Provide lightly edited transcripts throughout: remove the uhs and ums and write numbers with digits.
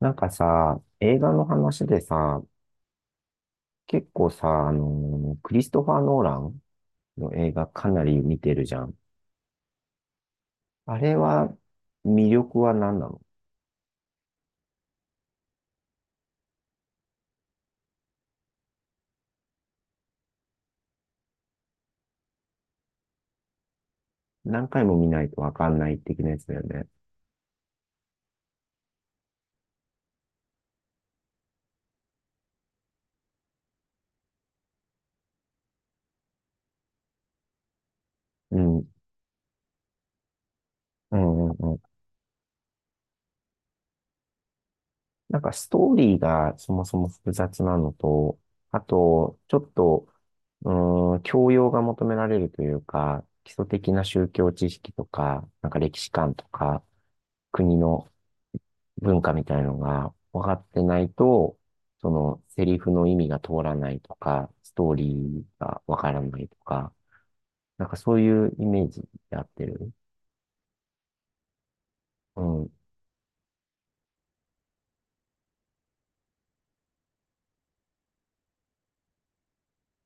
なんかさ、映画の話でさ、結構さ、クリストファー・ノーランの映画かなり見てるじゃん。あれは、魅力は何なの？何回も見ないとわかんない的なやつだよね。うん。うんうんうん。なんかストーリーがそもそも複雑なのと、あと、ちょっと、う教養が求められるというか、基礎的な宗教知識とか、なんか歴史観とか、国の文化みたいのが分かってないと、そのセリフの意味が通らないとか、ストーリーが分からないとか、なんかそういうイメージで合ってる。うん、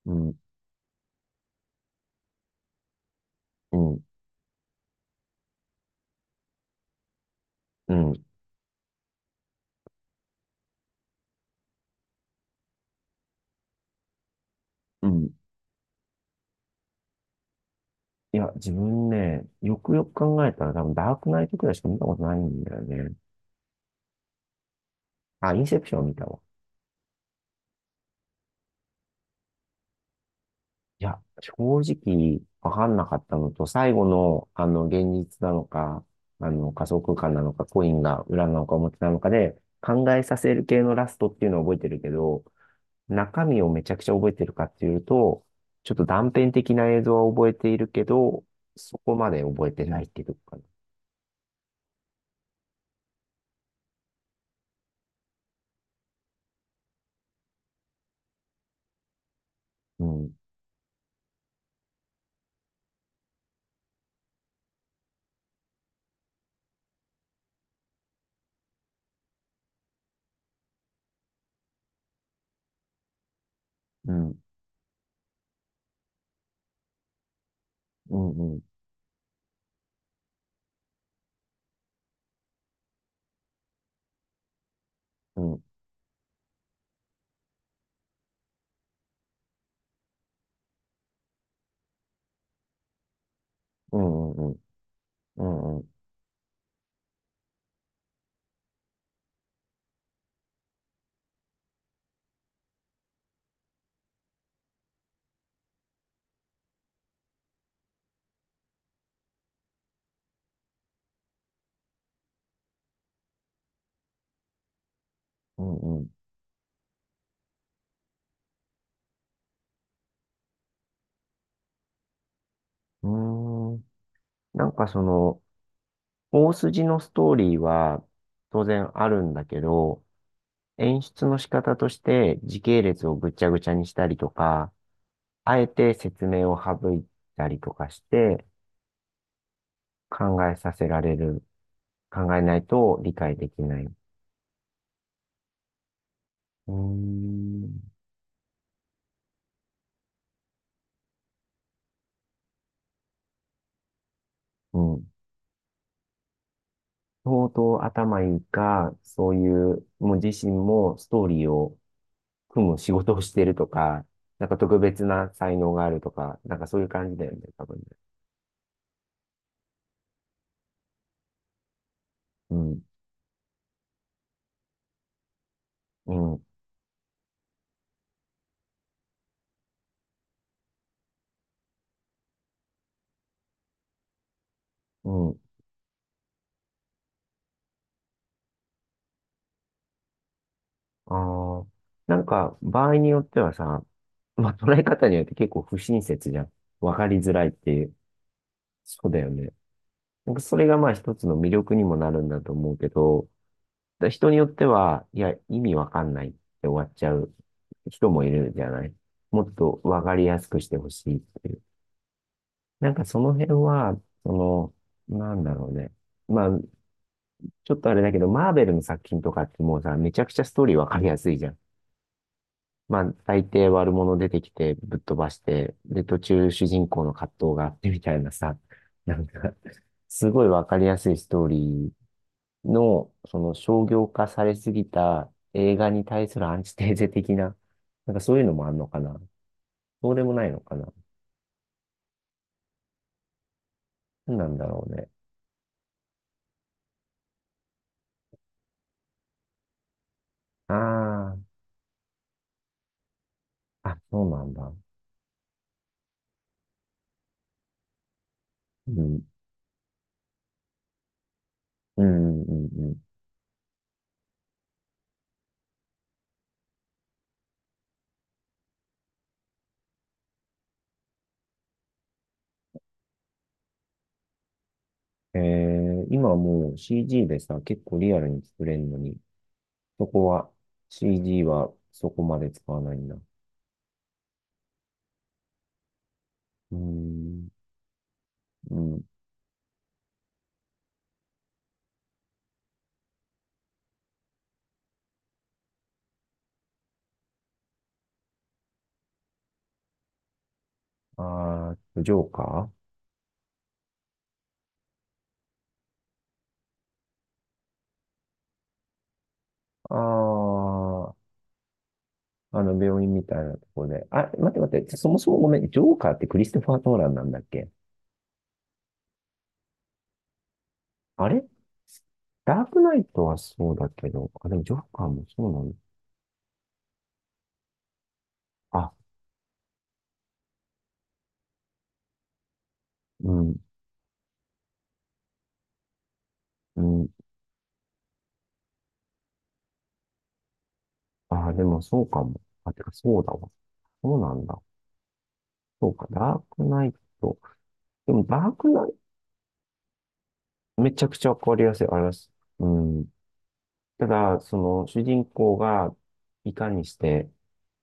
うん、うん、うん、うん。いや、自分ね、よくよく考えたら多分ダークナイトくらいしか見たことないんだよね。あ、インセプション見たわ。いや正直分んなかったのと、最後のあの現実なのか、あの加速感なのか、コインが裏なのか表なのかで考えさせる系のラストっていうのを覚えてるけど、中身をめちゃくちゃ覚えてるかっていうと、ちょっと断片的な映像を覚えているけど、そこまで覚えてないっていうか。うんうんうんうんうんうんうんうんうんうん。なんかその大筋のストーリーは当然あるんだけど、演出の仕方として時系列をぐちゃぐちゃにしたりとか、あえて説明を省いたりとかして考えさせられる。考えないと理解できない。うーん。うん。相当頭いいか、そういう、もう自身もストーリーを組む仕事をしてるとか、なんか特別な才能があるとか、なんかそういう感じだよね、多分ね。うん。うん。うん。ああ、なんか、場合によってはさ、まあ、捉え方によって結構不親切じゃん。わかりづらいっていう。そうだよね。なんか、それがまあ一つの魅力にもなるんだと思うけど、だ人によっては、いや、意味わかんないって終わっちゃう人もいるじゃない。もっとわかりやすくしてほしいっていう。なんか、その辺は、その、なんだろうね。まあ、ちょっとあれだけど、マーベルの作品とかってもうさ、めちゃくちゃストーリーわかりやすいじゃん。まあ、大抵悪者出てきてぶっ飛ばして、で、途中主人公の葛藤があってみたいなさ、なんか、すごいわかりやすいストーリーの、その商業化されすぎた映画に対するアンチテーゼ的な、なんかそういうのもあんのかな。そうでもないのかな。何なんだろうね。ああ、あ、そうなんだ。うん、うん、うん、うん。今はもう CG でさ、結構リアルに作れるのに、そこは CG はそこまで使わないんだ。うーん、うん。あー、ジョーカー。ああー、病院みたいなところで。あ、待って待って、そもそもごめん、ジョーカーってクリストファー・トーランなんだっけ？あれ、ダークナイトはそうだけど、あ、でもジョーカーもそうなの？あ、うん、うん。あ、でもそうかも。あ、てかそうだわ。そうなんだ。そうか、ダークナイト。でもダークナイト、めちゃくちゃわかりやすい。あれです。うん。ただ、その、主人公がいかにして、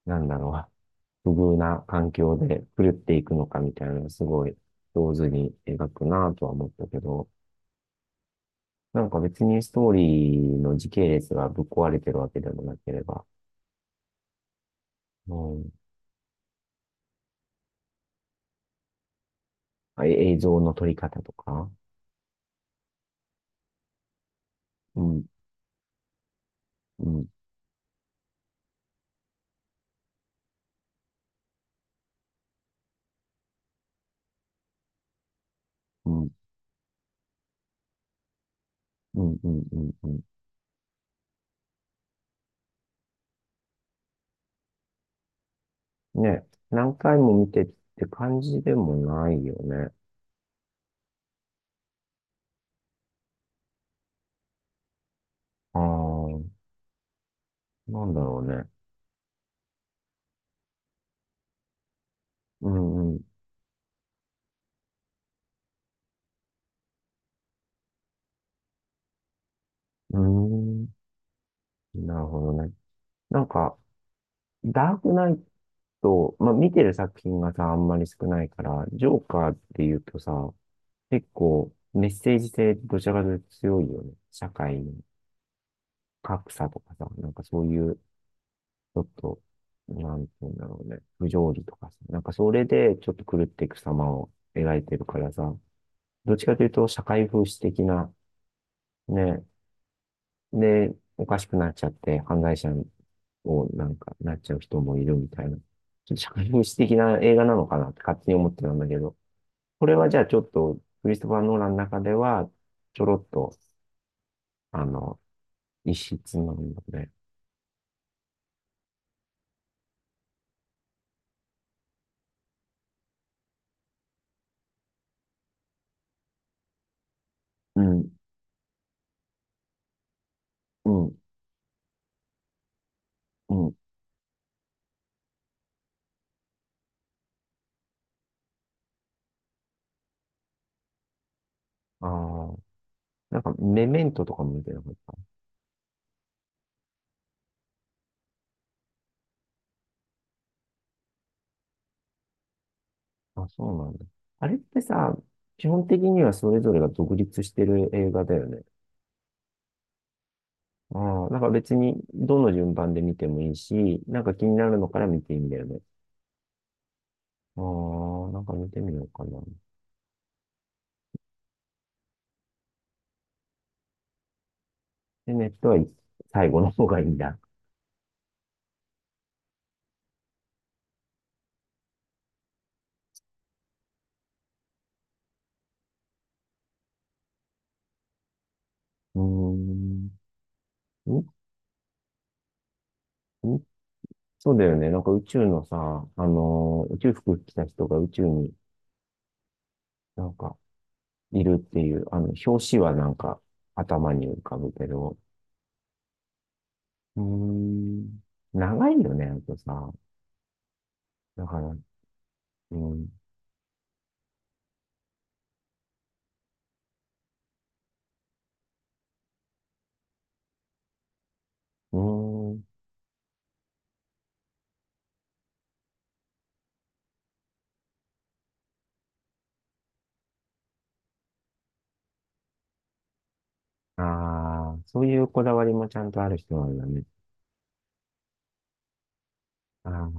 なんだろう、不遇な環境で狂っていくのかみたいな、すごい上手に描くなとは思ったけど、なんか別にストーリーの時系列がぶっ壊れてるわけでもなければ。うん、あ、映像の撮り方とか。うん、うん、うん、うん、うん、うんうん。ね、何回も見てって感じでもないよね。ああ、なんだろうね。うん、うん、うーん、なるほどね。なんか、ダークナイと、まあ、見てる作品がさ、あんまり少ないから、ジョーカーって言うとさ、結構メッセージ性どちらかというと強いよね。社会の格差とかさ、なんかそういう、ちょっと、なんて言うんだろうね、不条理とかさ、なんかそれでちょっと狂っていく様を描いてるからさ、どっちかというと社会風刺的な。ね、で、おかしくなっちゃって犯罪者をなんかなっちゃう人もいるみたいな、ちょっと社会風刺的な映画なのかなって勝手に思ってたんだけど、これはじゃあちょっと、クリストファー・ノーランの中では、ちょろっと、あの、一室なんだね。うん、うん、うん。ああ、なんか、メメントとかも見てなかった。あ、そうなんだ。あれってさ、基本的にはそれぞれが独立してる映画だよね。ああ、なんか別に、どの順番で見てもいいし、なんか気になるのから見ていいんだよね。ああ、なんか見てみようかな。で、ネットは最後の方がいいんだ。うーん。んそうだよね。なんか宇宙のさ、宇宙服着た人が宇宙になんかいるっていう、表紙はなんか頭に浮かぶけど、うーん、長いよね、あとさ。だから、うん、うーん、ああ、そういうこだわりもちゃんとある人なんだね。ああ、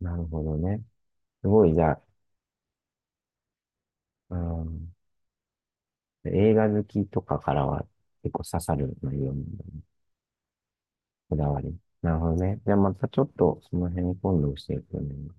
なるほどね。すごい、じゃあ、うん、映画好きとかからは結構刺さる内容なんだね。こだわり。なるほどね。じゃあまたちょっとその辺今度教えてね。